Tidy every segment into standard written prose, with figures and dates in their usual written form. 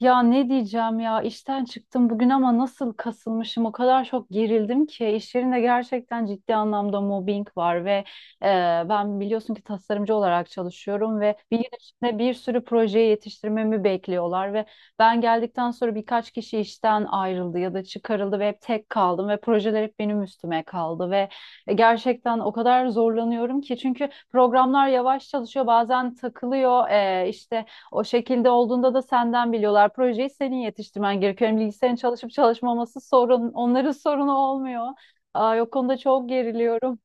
Ya ne diyeceğim ya, işten çıktım bugün ama nasıl kasılmışım, o kadar çok gerildim ki. İş yerinde gerçekten ciddi anlamda mobbing var ve e, ben biliyorsun ki tasarımcı olarak çalışıyorum ve 1 yıl içinde bir sürü projeyi yetiştirmemi bekliyorlar ve ben geldikten sonra birkaç kişi işten ayrıldı ya da çıkarıldı ve hep tek kaldım ve projeler hep benim üstüme kaldı ve gerçekten o kadar zorlanıyorum ki, çünkü programlar yavaş çalışıyor, bazen takılıyor. İşte o şekilde olduğunda da senden biliyorlar. Projeyi senin yetiştirmen gerekiyor. Yani bilgisayarın çalışıp çalışmaması sorun, onların sorunu olmuyor. Aa, o konuda çok geriliyorum.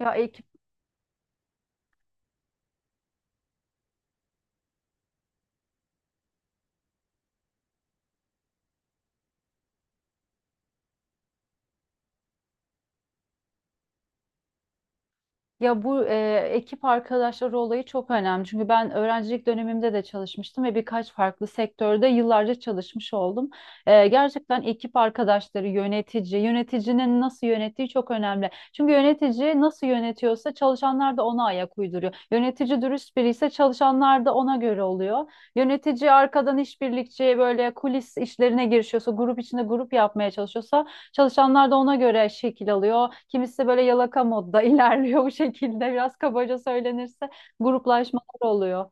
Ya ekip... Ya bu ekip arkadaşları olayı çok önemli. Çünkü ben öğrencilik dönemimde de çalışmıştım ve birkaç farklı sektörde yıllarca çalışmış oldum. Gerçekten ekip arkadaşları, yönetici, yöneticinin nasıl yönettiği çok önemli. Çünkü yönetici nasıl yönetiyorsa çalışanlar da ona ayak uyduruyor. Yönetici dürüst biri ise çalışanlar da ona göre oluyor. Yönetici arkadan işbirlikçi böyle kulis işlerine girişiyorsa, grup içinde grup yapmaya çalışıyorsa çalışanlar da ona göre şekil alıyor. Kimisi böyle yalaka modda ilerliyor bu şekilde. Biraz kabaca söylenirse gruplaşmalar oluyor.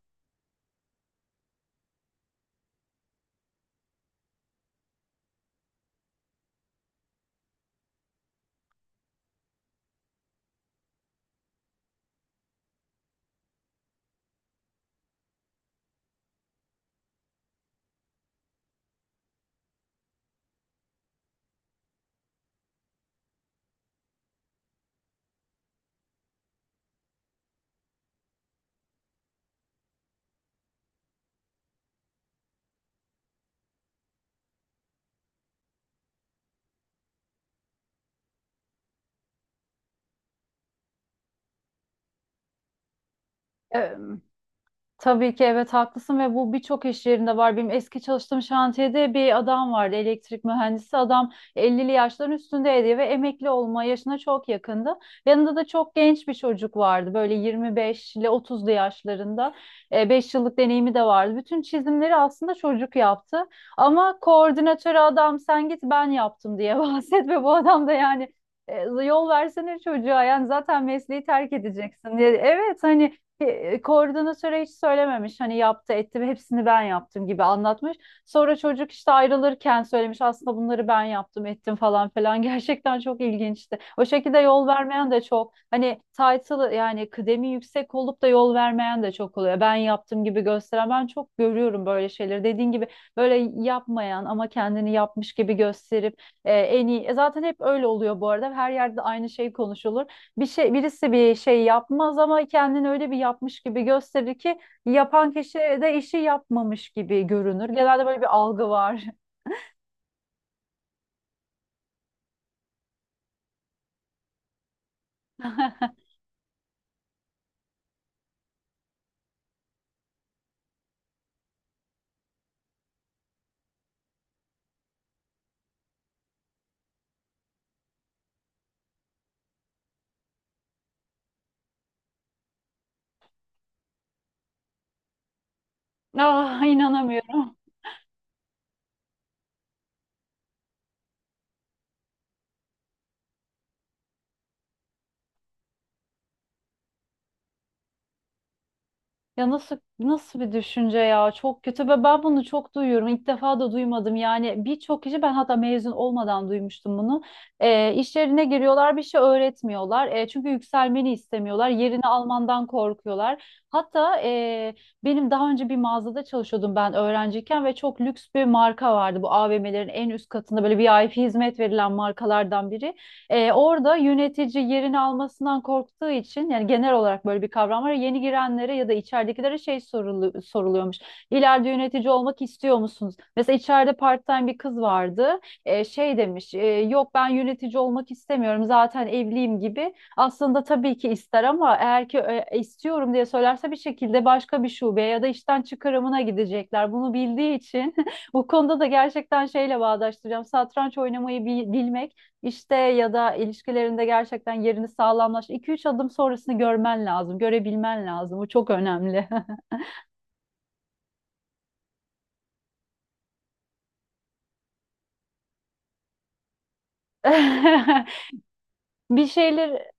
Ee, Tabii ki evet, haklısın ve bu birçok iş yerinde var. Benim eski çalıştığım şantiyede bir adam vardı, elektrik mühendisi. Adam 50'li yaşların üstündeydi ve emekli olma yaşına çok yakındı. Yanında da çok genç bir çocuk vardı, böyle 25 ile 30'lu yaşlarında. 5 yıllık deneyimi de vardı. Bütün çizimleri aslında çocuk yaptı. Ama koordinatörü adam sen git ben yaptım diye bahset. Ve bu adam da yani yol versene çocuğa yani, zaten mesleği terk edeceksin diye. Evet, hani koordinatöre hiç söylememiş, hani yaptı etti ve hepsini ben yaptım gibi anlatmış. Sonra çocuk işte ayrılırken söylemiş, aslında bunları ben yaptım ettim falan falan. Gerçekten çok ilginçti. O şekilde yol vermeyen de çok, hani title yani kıdemi yüksek olup da yol vermeyen de çok oluyor. Ben yaptım gibi gösteren, ben çok görüyorum böyle şeyleri. Dediğin gibi böyle yapmayan ama kendini yapmış gibi gösterip zaten hep öyle oluyor, bu arada her yerde aynı şey konuşulur. Birisi bir şey yapmaz ama kendini öyle bir yapmış gibi gösterir ki yapan kişi de işi yapmamış gibi görünür. Genelde böyle bir algı var. Ah, inanamıyorum. Ya nasıl bir düşünce ya, çok kötü. Ve ben bunu çok duyuyorum, ilk defa da duymadım yani. Birçok kişi, ben hatta mezun olmadan duymuştum bunu. İş yerine giriyorlar, bir şey öğretmiyorlar. Çünkü yükselmeni istemiyorlar, yerini almandan korkuyorlar. Hatta benim, daha önce bir mağazada çalışıyordum ben öğrenciyken ve çok lüks bir marka vardı, bu AVM'lerin en üst katında böyle VIP hizmet verilen markalardan biri. Orada yönetici yerini almasından korktuğu için, yani genel olarak böyle bir kavram var, yeni girenlere ya da içeridekilere soruluyormuş: İleride yönetici olmak istiyor musunuz? Mesela içeride part-time bir kız vardı. Yok, ben yönetici olmak istemiyorum, zaten evliyim gibi. Aslında tabii ki ister, ama eğer ki istiyorum diye söylerse bir şekilde başka bir şubeye ya da işten çıkarımına gidecekler. Bunu bildiği için. Bu konuda da gerçekten şeyle bağdaştıracağım: satranç oynamayı bilmek işte, ya da ilişkilerinde gerçekten yerini sağlamlaş. 2 üç adım sonrasını görmen lazım, görebilmen lazım. Bu çok önemli. Bir şeyler...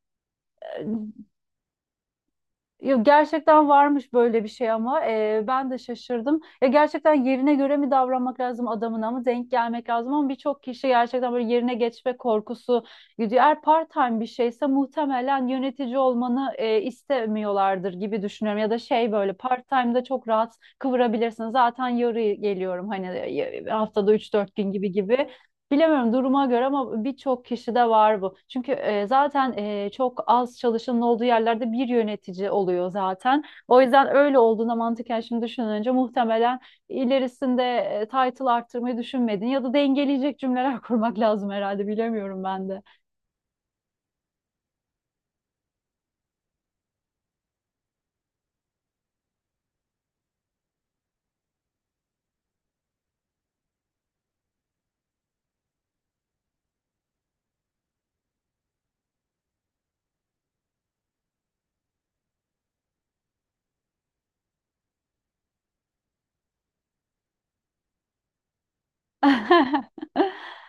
Ya gerçekten varmış böyle bir şey ama ben de şaşırdım. Ya gerçekten yerine göre mi davranmak lazım, adamına mı denk gelmek lazım? Ama birçok kişi gerçekten böyle yerine geçme korkusu gidiyor. Eğer part-time bir şeyse muhtemelen yönetici olmanı istemiyorlardır gibi düşünüyorum. Ya da şey, böyle part-time'da çok rahat kıvırabilirsin. Zaten yarı geliyorum hani, haftada üç dört gün gibi gibi. Bilemiyorum, duruma göre ama birçok kişide var bu. Çünkü çok az çalışanın olduğu yerlerde bir yönetici oluyor zaten. O yüzden öyle olduğunda mantıken şimdi düşününce, muhtemelen ilerisinde title arttırmayı düşünmedin ya da dengeleyecek cümleler kurmak lazım herhalde, bilemiyorum ben de.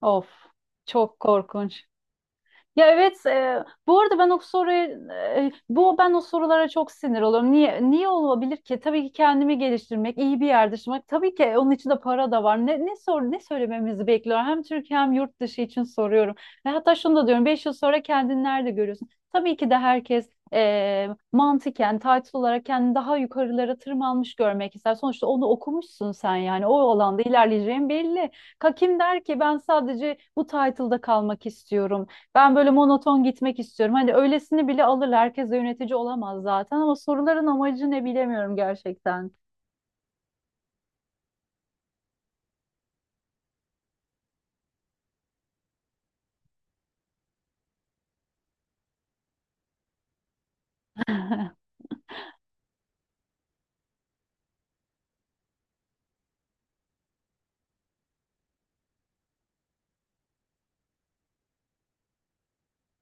Of, çok korkunç. Ya evet, e, bu arada ben o soruyu e, bu ben o sorulara çok sinir oluyorum. Niye olabilir ki? Tabii ki kendimi geliştirmek, iyi bir yerde yaşamak. Tabii ki onun için de para da var. Ne söylememizi bekliyor? Hem Türkiye hem yurt dışı için soruyorum. Ve hatta şunu da diyorum: 5 yıl sonra kendini nerede görüyorsun? Tabii ki de herkes mantıken, title olarak kendini daha yukarılara tırmanmış görmek ister. Sonuçta onu okumuşsun sen yani, o alanda ilerleyeceğin belli. Kim der ki ben sadece bu title'da kalmak istiyorum, ben böyle monoton gitmek istiyorum? Hani öylesini bile alırlar. Herkes de yönetici olamaz zaten, ama soruların amacı ne bilemiyorum gerçekten.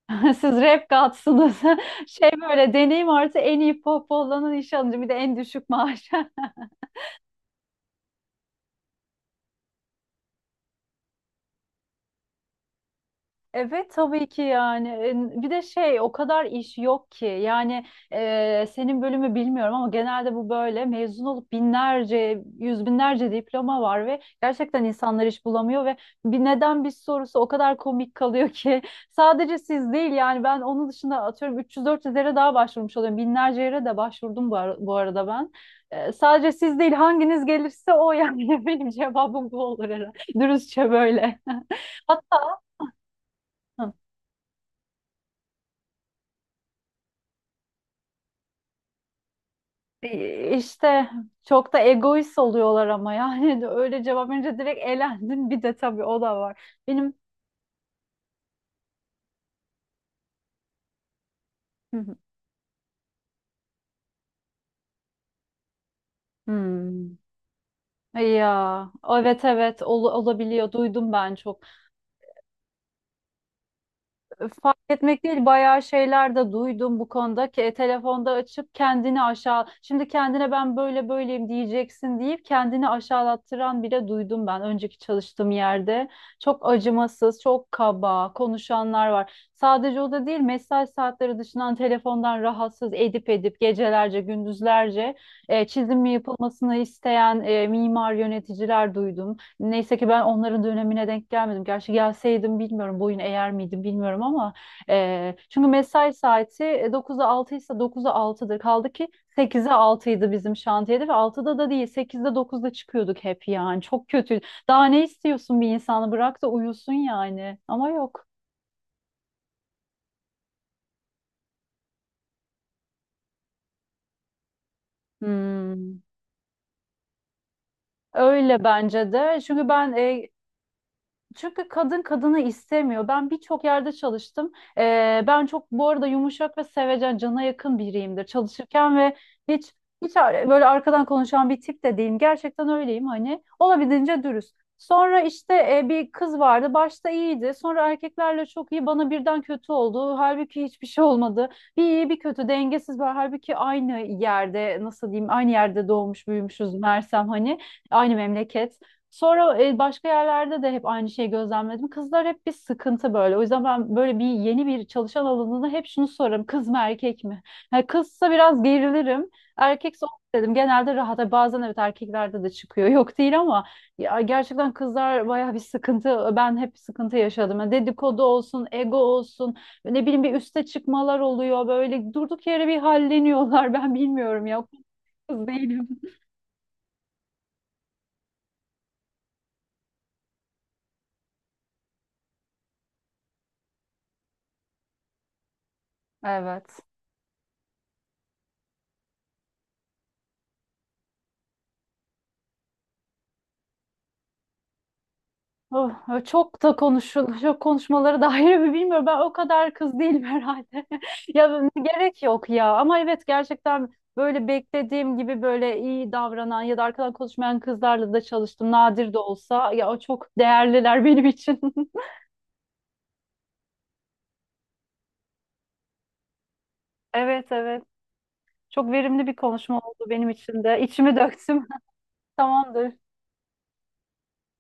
Siz rap katsınız. Şey, böyle deneyim artı en iyi pop olanın iş alınca bir de en düşük maaş. Evet, tabii ki yani. Bir de şey, o kadar iş yok ki yani. Senin bölümü bilmiyorum ama genelde bu böyle, mezun olup binlerce yüz binlerce diploma var ve gerçekten insanlar iş bulamıyor ve bir neden bir sorusu o kadar komik kalıyor ki. Sadece siz değil yani, ben onun dışında atıyorum 300-400 yere daha başvurmuş oluyorum, binlerce yere de başvurdum bu arada ben. Sadece siz değil, hanginiz gelirse o yani. Benim cevabım bu olur herhalde, dürüstçe böyle. Hatta... İşte çok da egoist oluyorlar ama, yani de öyle cevap verince direkt elendin. Bir de tabii o da var. Benim... Hı hı. Hmm. Ya evet evet, olabiliyor. Duydum ben çok. Fark etmek değil, bayağı şeyler de duydum bu konuda ki telefonda açıp kendini aşağı, şimdi kendine ben böyle böyleyim diyeceksin deyip kendini aşağılattıran bile duydum ben önceki çalıştığım yerde. Çok acımasız, çok kaba konuşanlar var. Sadece o da değil, mesai saatleri dışından telefondan rahatsız edip edip gecelerce gündüzlerce çizim yapılmasını isteyen mimar yöneticiler duydum. Neyse ki ben onların dönemine denk gelmedim. Gerçi gelseydim bilmiyorum boyun eğer miydim bilmiyorum ama e, çünkü mesai saati e, 9'a 6 ise 9'a 6'dır. Kaldı ki 8'e altıydı bizim şantiyede ve altıda da değil, sekizde dokuzda çıkıyorduk hep yani. Çok kötü. Daha ne istiyorsun, bir insanı bırak da uyusun yani. Ama yok. Hmm. Öyle bence de. Çünkü kadın kadını istemiyor. Ben birçok yerde çalıştım. Ben çok bu arada yumuşak ve sevecen, cana yakın biriyimdir çalışırken. Ve hiç hiç böyle arkadan konuşan bir tip de değilim. Gerçekten öyleyim hani, olabildiğince dürüst. Sonra işte bir kız vardı. Başta iyiydi. Sonra erkeklerle çok iyi, bana birden kötü oldu. Halbuki hiçbir şey olmadı. Bir iyi bir kötü, dengesiz var. Halbuki aynı yerde, nasıl diyeyim, aynı yerde doğmuş büyümüşüz Mersem hani. Aynı memleket. Sonra başka yerlerde de hep aynı şeyi gözlemledim. Kızlar hep bir sıkıntı böyle. O yüzden ben böyle bir yeni bir çalışan alanında hep şunu sorarım: kız mı erkek mi? Yani kızsa biraz gerilirim. Erkekse olur dedim, genelde rahat. Ha, bazen evet erkeklerde de çıkıyor, yok değil, ama ya gerçekten kızlar bayağı bir sıkıntı. Ben hep sıkıntı yaşadım. Yani dedikodu olsun, ego olsun, ne bileyim bir üste çıkmalar oluyor. Böyle durduk yere bir halleniyorlar. Ben bilmiyorum ya, kız değilim. Evet. Oh, çok konuşmaları da ayrı bir, bilmiyorum. Ben o kadar kız değilim herhalde. Ya gerek yok ya. Ama evet, gerçekten böyle beklediğim gibi böyle iyi davranan ya da arkadan konuşmayan kızlarla da çalıştım. Nadir de olsa ya, o çok değerliler benim için. Evet, evet. Çok verimli bir konuşma oldu benim için de. İçimi döktüm. Tamamdır.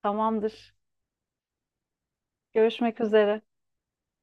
Tamamdır. Görüşmek üzere.